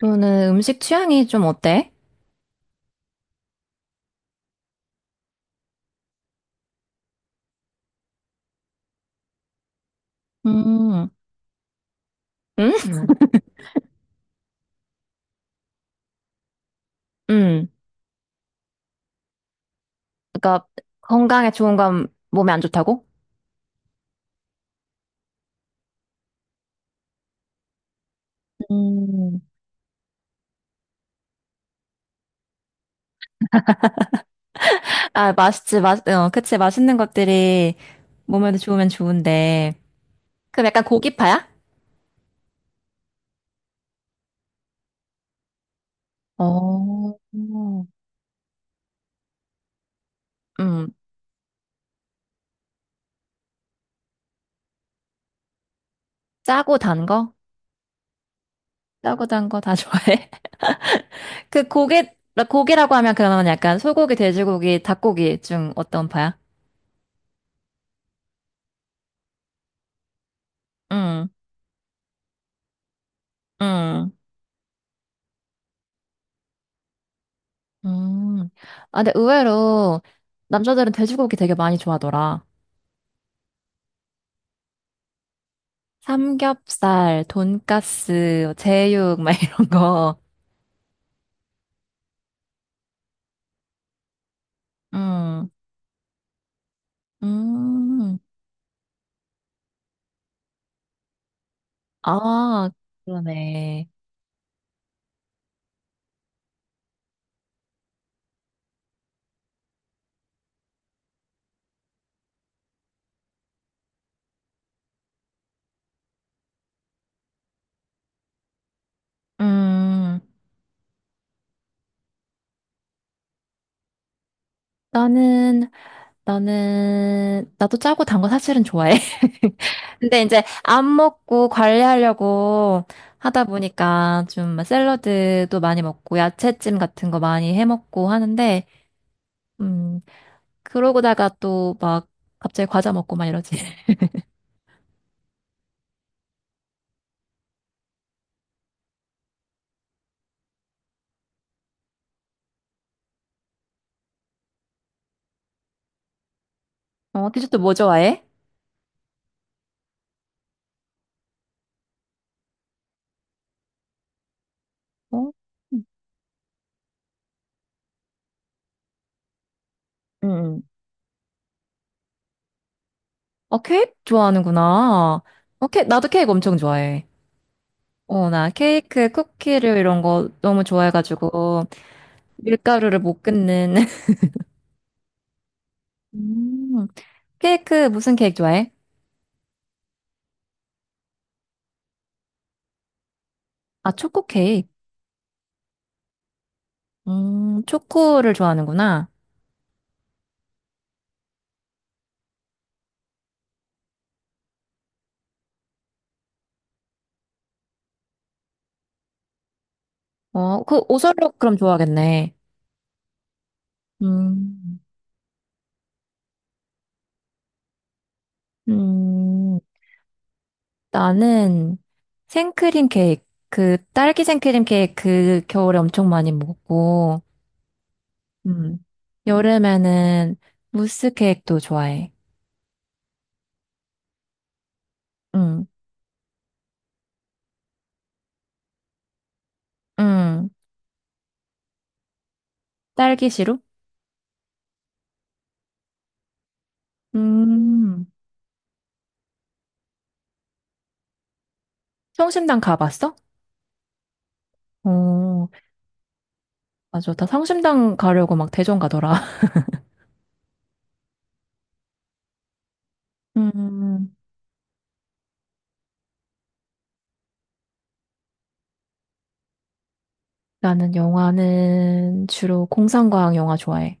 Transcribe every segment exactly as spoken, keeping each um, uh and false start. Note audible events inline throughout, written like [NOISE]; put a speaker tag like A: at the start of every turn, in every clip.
A: 너는 음식 취향이 좀 어때? 음, 응? 응. 그러니까 건강에 좋은 건 몸에 안 좋다고? 음, 아, 맛있지, 맛, 어, 그치, 맛있는 것들이 몸에도 좋으면 좋은데. 그럼 약간 고기파야? 어, 음, 짜고 단 거? 짜고 단 거 다 [LAUGHS] 좋아해? 그 고기, 고기라고 하면 그러면 약간 소고기, 돼지고기, 닭고기 중 어떤 파야? 응, 응. 음. 아, 근데 의외로 남자들은 돼지고기 되게 많이 좋아하더라. 삼겹살, 돈가스, 제육, 막 [LAUGHS] 이런 거. 음, 음. 아, 그러네. 음, 나는, 나는, 나도 짜고 단 거 사실은 좋아해. [LAUGHS] 근데 이제 안 먹고 관리하려고 하다 보니까 좀 샐러드도 많이 먹고 야채찜 같은 거 많이 해 먹고 하는데, 음, 그러고다가 또 막 갑자기 과자 먹고 막 이러지. [LAUGHS] 어, 디저트 뭐 좋아해? 어? 응, 어, 케이크 좋아하는구나. 어, 케 나도 케이크 엄청 좋아해. 어, 나 케이크, 쿠키를 이런 거 너무 좋아해가지고 밀가루를 못 끊는. [LAUGHS] 음, 케이크 무슨 케이크 좋아해? 아, 초코 케이크. 음, 초코를 좋아하는구나. 어, 그 오설록 그럼 좋아하겠네. 음, 음. 나는 생크림 케이크, 그 딸기 생크림 케이크 그 겨울에 엄청 많이 먹고, 음. 여름에는 무스 케이크도 좋아해. 응, 응. 딸기 시루? 음. 성심당 가봤어? 어, 맞아. 다 성심당 가려고 막 대전 가더라. [LAUGHS] 음. 나는 영화는 주로 공상과학 영화 좋아해.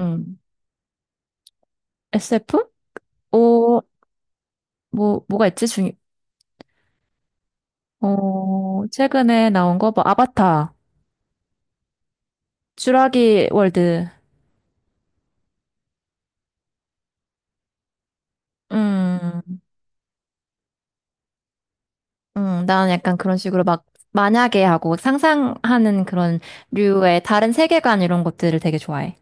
A: 음. 에스에프? 오, 뭐, 뭐가 있지? 중, 어, 최근에 나온 거, 뭐, 아바타. 쥬라기 월드. 음, 음, 나는 약간 그런 식으로 막 만약에 하고 상상하는 그런 류의 다른 세계관 이런 것들을 되게 좋아해.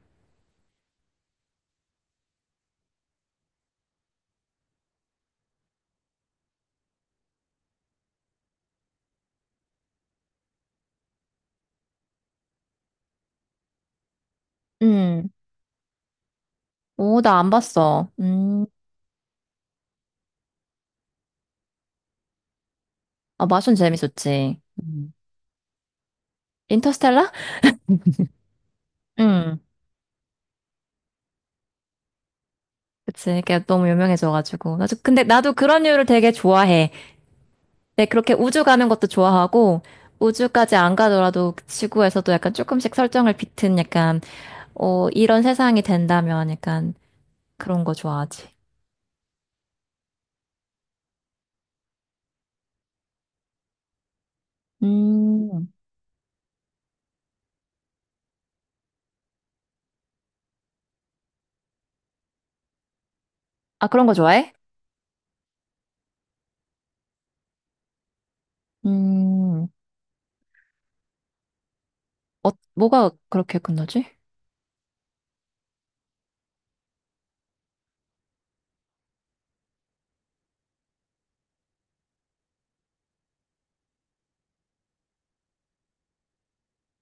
A: 음, 오, 나 안 봤어. 음, 아, 마션 재밌었지. 음. 인터스텔라? 음, 그치. 이게 너무 유명해져가지고. 나도, 근데 나도 그런 류를 되게 좋아해. 근데 그렇게 우주 가는 것도 좋아하고, 우주까지 안 가더라도 그 지구에서도 약간 조금씩 설정을 비튼 약간, 어, 이런 세상이 된다면 약간 그런 거 좋아하지. 음, 아, 그런 거 좋아해? 음, 어, 뭐가 그렇게 끝나지?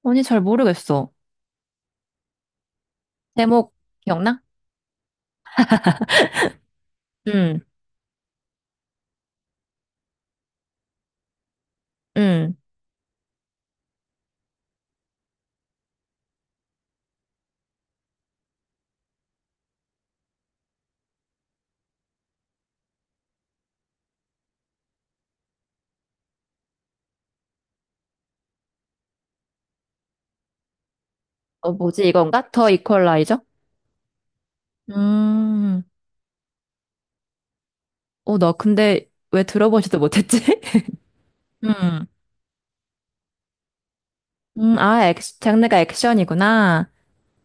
A: 아니, 잘 모르겠어. 제목 기억나? 음, 음. 어, 뭐지, 이건가? 더 이퀄라이저? 음, 어, 나 근데 왜 들어보지도 못했지? [LAUGHS] 음, 음, 아, 액, 장르가 액션이구나.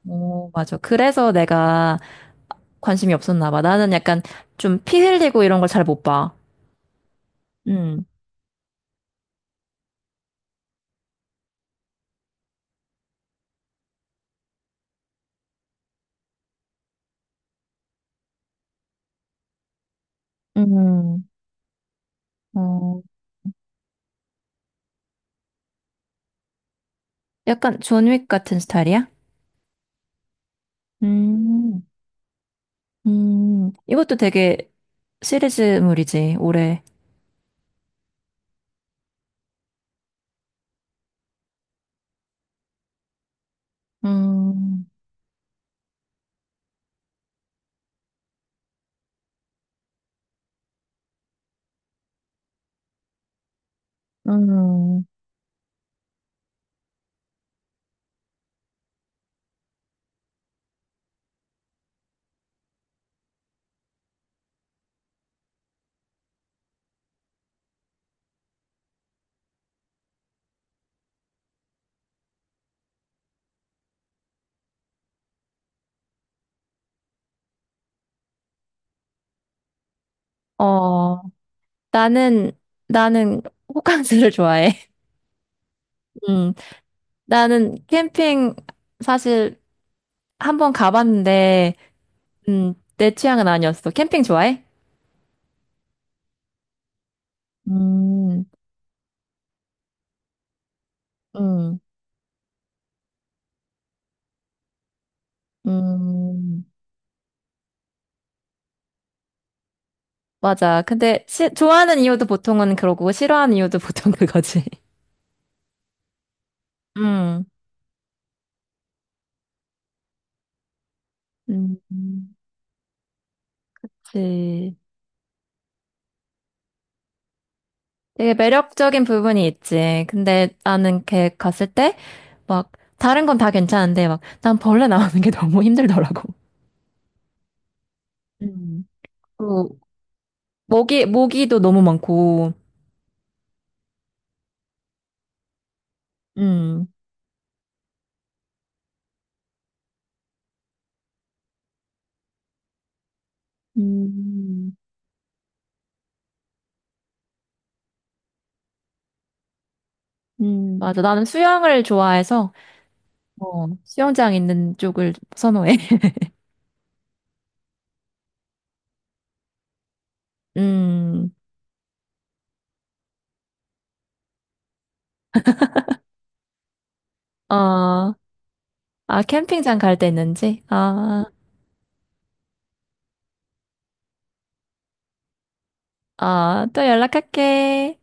A: 오, 맞아. 그래서 내가 관심이 없었나 봐. 나는 약간 좀 피 흘리고 이런 걸 잘 못 봐. 음, 음, 어, 약간 존윅 같은 스타일이야? 음. 음, 이것도 되게 시리즈물이지, 올해. 음, 음, 어, 나는, 나는 호캉스를 [LAUGHS] 좋아해. 음, 나는 캠핑 사실 한번 가봤는데, 음, 내 취향은 아니었어. 캠핑 좋아해? 음, 음, 음, 맞아. 근데 시- 좋아하는 이유도 보통은 그러고, 싫어하는 이유도 보통 그거지. [LAUGHS] 음, 음, 그치. 되게 매력적인 부분이 있지. 근데 나는 걔 갔을 때, 막, 다른 건 다 괜찮은데, 막, 난 벌레 나오는 게 [LAUGHS] 너무 힘들더라고. 음. 그, 모기, 모기도 너무 많고, 음, 음. 음. 맞아. 나는 수영을 좋아해서, 어, 수영장 있는 쪽을 선호해. [LAUGHS] 음, 어, 아, 캠핑장 갈 때 있는지? 아, 아, 또 연락할게.